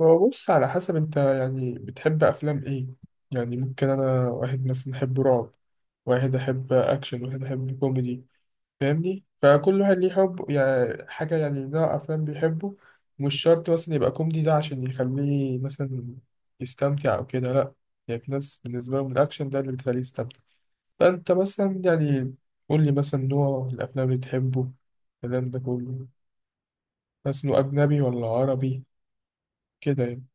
هو بص، على حسب انت يعني بتحب افلام ايه؟ يعني ممكن انا، واحد مثلا احب رعب، واحد احب اكشن، واحد احب كوميدي. فاهمني، فكل واحد ليه حب يعني حاجة، يعني نوع افلام بيحبه. مش شرط مثلا يبقى كوميدي ده عشان يخليه مثلا يستمتع او كده، لا. يعني في ناس بالنسبة لهم الاكشن ده اللي بتخليه يستمتع. فانت مثلا يعني قول لي مثلا نوع الافلام اللي تحبه، الكلام ده كله. بس انه اجنبي ولا عربي كده يعني؟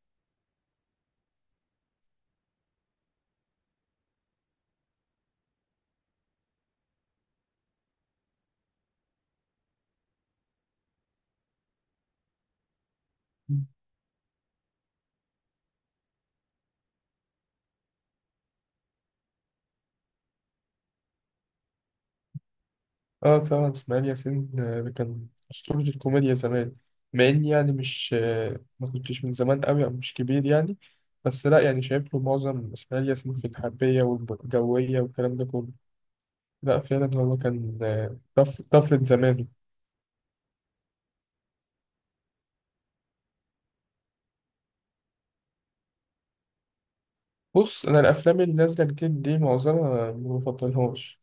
اه طبعا اسماعيل ياسين، ده كان أسطورة الكوميديا زمان. مع إني يعني مش ما كنتش من زمان قوي أو مش كبير يعني. بس لا يعني شايف له معظم إسماعيل ياسين في الحربية والجوية والكلام ده كله. لا فعلا هو كان، طفرة زمانه. بص، أنا الأفلام اللي نازلة جديد دي معظمها ما بفضلهاش.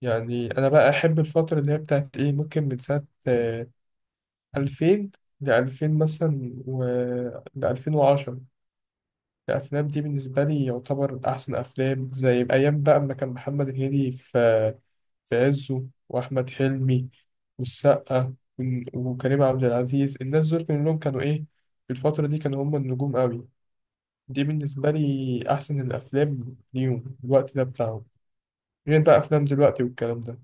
يعني أنا بقى أحب الفترة اللي هي بتاعت إيه، ممكن من ساعة 2000 لألفين مثلا و ل2010. الأفلام دي بالنسبة لي يعتبر أحسن أفلام، زي أيام بقى أما كان محمد هنيدي في عزه، وأحمد حلمي والسقا وكريم عبد العزيز. الناس دول كلهم كانوا إيه، في الفترة دي كانوا هم النجوم قوي. دي بالنسبة لي أحسن الأفلام ليهم، الوقت ده بتاعهم. غير بقى أفلام دلوقتي والكلام ده.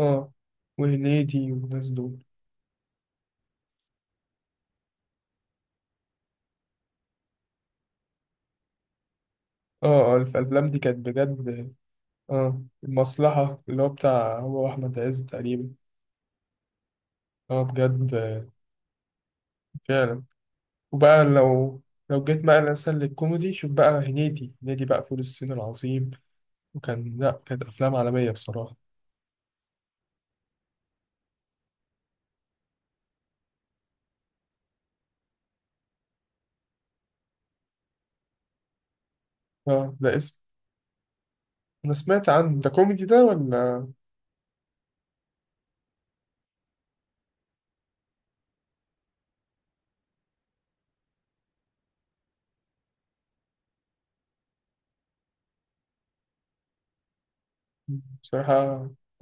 آه، وهنيدي والناس دول. آه، الأفلام دي كانت بجد. آه، المصلحة، اللي هو بتاع هو أحمد عز تقريبا. آه بجد، آه، فعلا. وبقى لو جيت بقى مثلا للكوميدي، شوف بقى هنيدي، هنيدي بقى فول الصين العظيم. وكان لا، كانت أفلام عالمية بصراحة. اه، ده اسم، أنا سمعت عن ده، كوميدي ده ولا؟ بصراحة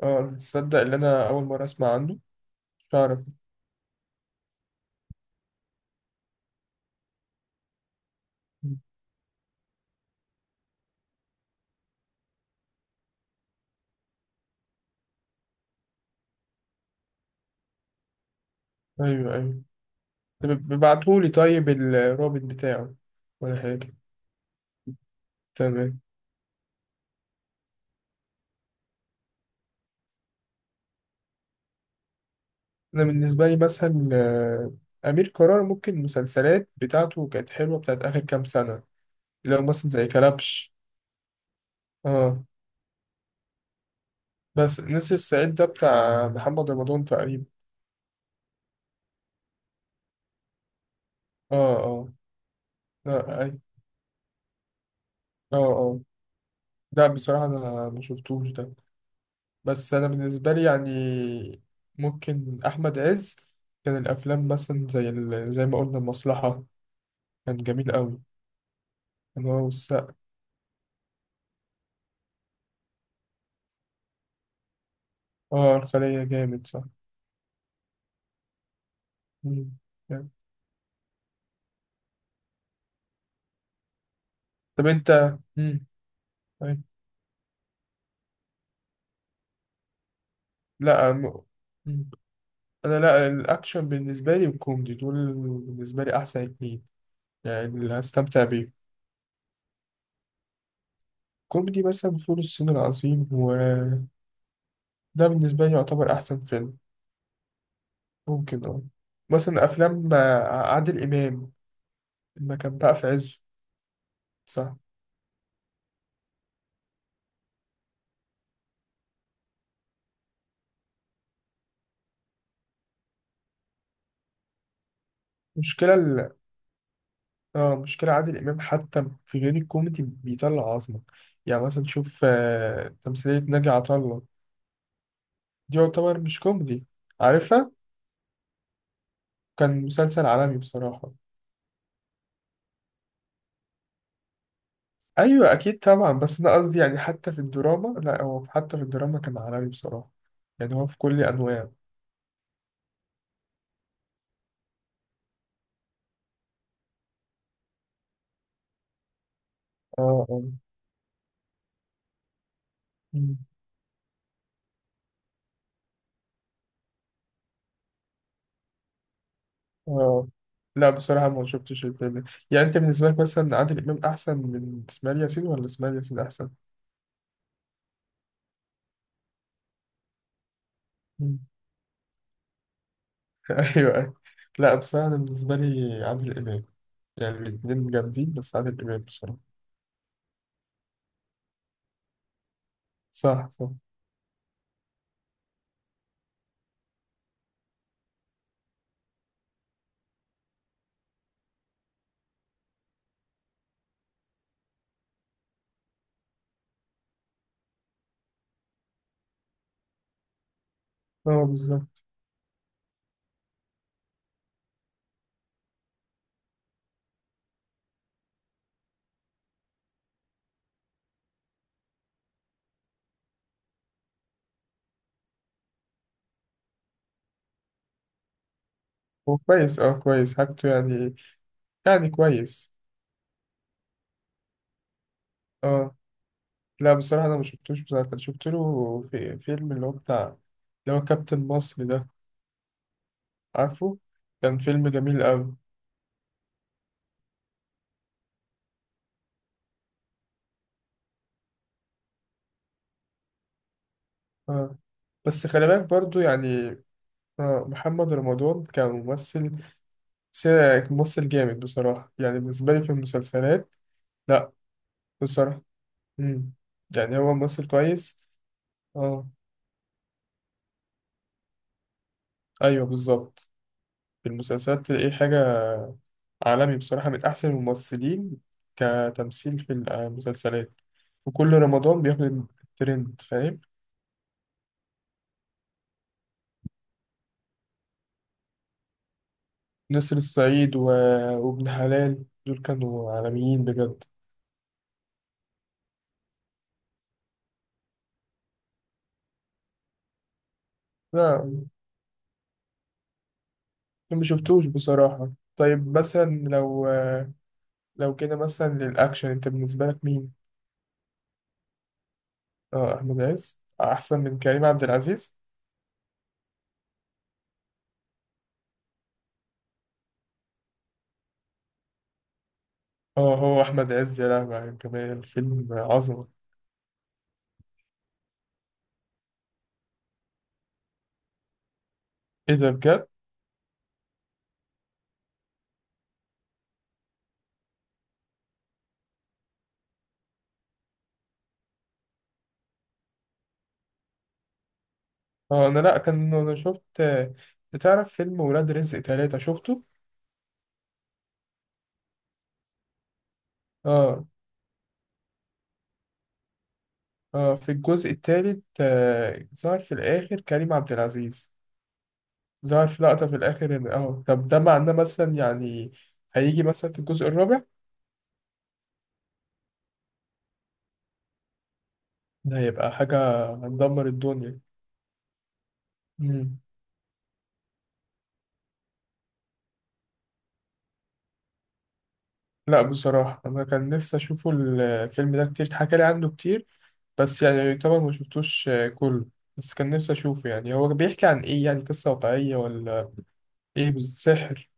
اه تصدق، اللي أنا أول مرة أسمع عنه، مش عارف. أيوه، أيوه. طب ابعتهولي طيب الرابط بتاعه ولا حاجة. تمام. أنا بالنسبة لي مثلا، أمير كرارة، ممكن المسلسلات بتاعته كانت حلوة بتاعت آخر كام سنة. لو مثلا زي كلبش. اه، بس نسر الصعيد ده بتاع محمد رمضان تقريبا. اه، اه. لا. اي. اه، اه. لا بصراحة انا ما شفتوش ده. بس انا بالنسبة لي يعني، ممكن احمد عز. كان الافلام مثلا زي ما قلنا المصلحة، كان جميل قوي. كان هو والسقا. اه الخلية جامد، صح. مم. جامد. طب انت، مم. أي. لا، مم. انا، لا، الاكشن بالنسبة لي والكوميدي دول بالنسبة لي احسن اتنين، يعني اللي هستمتع بيهم. كوميدي مثلا فول الصين العظيم، وده بالنسبة لي يعتبر أحسن فيلم. ممكن، اه. مثلا أفلام، عادل إمام لما كان بقى في عزه. صح. مشكلة ال... اه، مشكلة عادل إمام، حتى في غير الكوميدي بيطلع عظمة. يعني مثلا شوف، تمثيلية ناجي عطا الله، دي يعتبر مش كوميدي، عارفها؟ كان مسلسل عالمي بصراحة. أيوة أكيد طبعا، بس أنا قصدي يعني حتى في الدراما، لا هو حتى في الدراما كان عالمي بصراحة. يعني هو في كل أنواعه. اه، اه، اه. لا بصراحة ما شفتش الفيلم ده. يعني أنت بالنسبة لك مثلا عادل إمام أحسن من إسماعيل ياسين ولا إسماعيل ياسين أحسن؟ مم. أيوه. لا بصراحة أنا بالنسبة لي عادل إمام، يعني الاتنين جامدين، بس عادل إمام بصراحة. صح، صح. أه، بالظبط. هو كويس، أه كويس حاجته يعني كويس. أه. لا بصراحة أنا ما شفتوش، بصراحة أنا شفت له في فيلم، اللي هو كابتن مصر ده، عارفه؟ كان فيلم جميل أوي. أه، بس خلي بالك برضو يعني، محمد رمضان كممثل، س- ممثل جامد بصراحة يعني بالنسبة لي في المسلسلات. لا بصراحة. مم. يعني هو ممثل كويس. اه، ايوه، بالظبط. في المسلسلات تلاقيه حاجة عالمي بصراحة، من أحسن الممثلين كتمثيل في المسلسلات. وكل رمضان بياخد الترند، فاهم؟ نسر الصعيد و... وابن حلال دول كانوا عالميين بجد. لا، أنا ما شفتوش بصراحة. طيب مثلا لو كده مثلا للأكشن، أنت بالنسبة لك مين؟ أه، أحمد عز أحسن من كريم عبد العزيز؟ أه، هو أحمد عز، يا لهوي على الجمال، الفيلم عظمة. إيه ده بجد؟ أه أنا لأ، كان أنا شفت. بتعرف فيلم ولاد رزق 3، شفته؟ أه، أه، في الجزء التالت ظهر في الآخر كريم عبد العزيز. ظهر في لقطة في الآخر إن، أه، طب ده معناه مثلا يعني هيجي مثلا في الجزء الرابع؟ ده هيبقى حاجة هندمر الدنيا. لا بصراحة أنا كان نفسي أشوفه، الفيلم ده كتير اتحكى لي عنه كتير، بس يعني طبعا ما شفتوش، كله. بس كان نفسي أشوفه. يعني هو بيحكي عن إيه، يعني قصة واقعية ولا إيه، بالسحر؟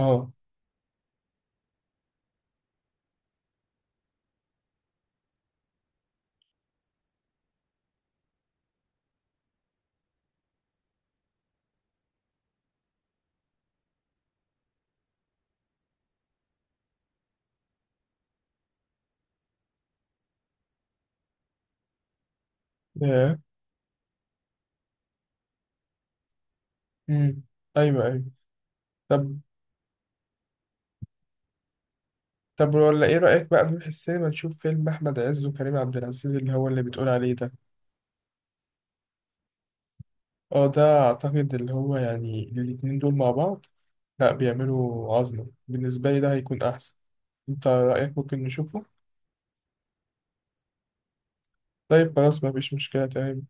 آه. ياه. أمم أيوه، أيوه. طب طب ولا إيه رأيك بقى نروح السينما نشوف فيلم أحمد عز وكريم عبد العزيز، اللي بتقول عليه ده؟ آه، ده أعتقد اللي هو يعني الاتنين دول مع بعض، لا بيعملوا عظمة. بالنسبة لي ده هيكون أحسن. أنت رأيك ممكن نشوفه؟ طيب خلاص، مفيش مشكلة، تمام.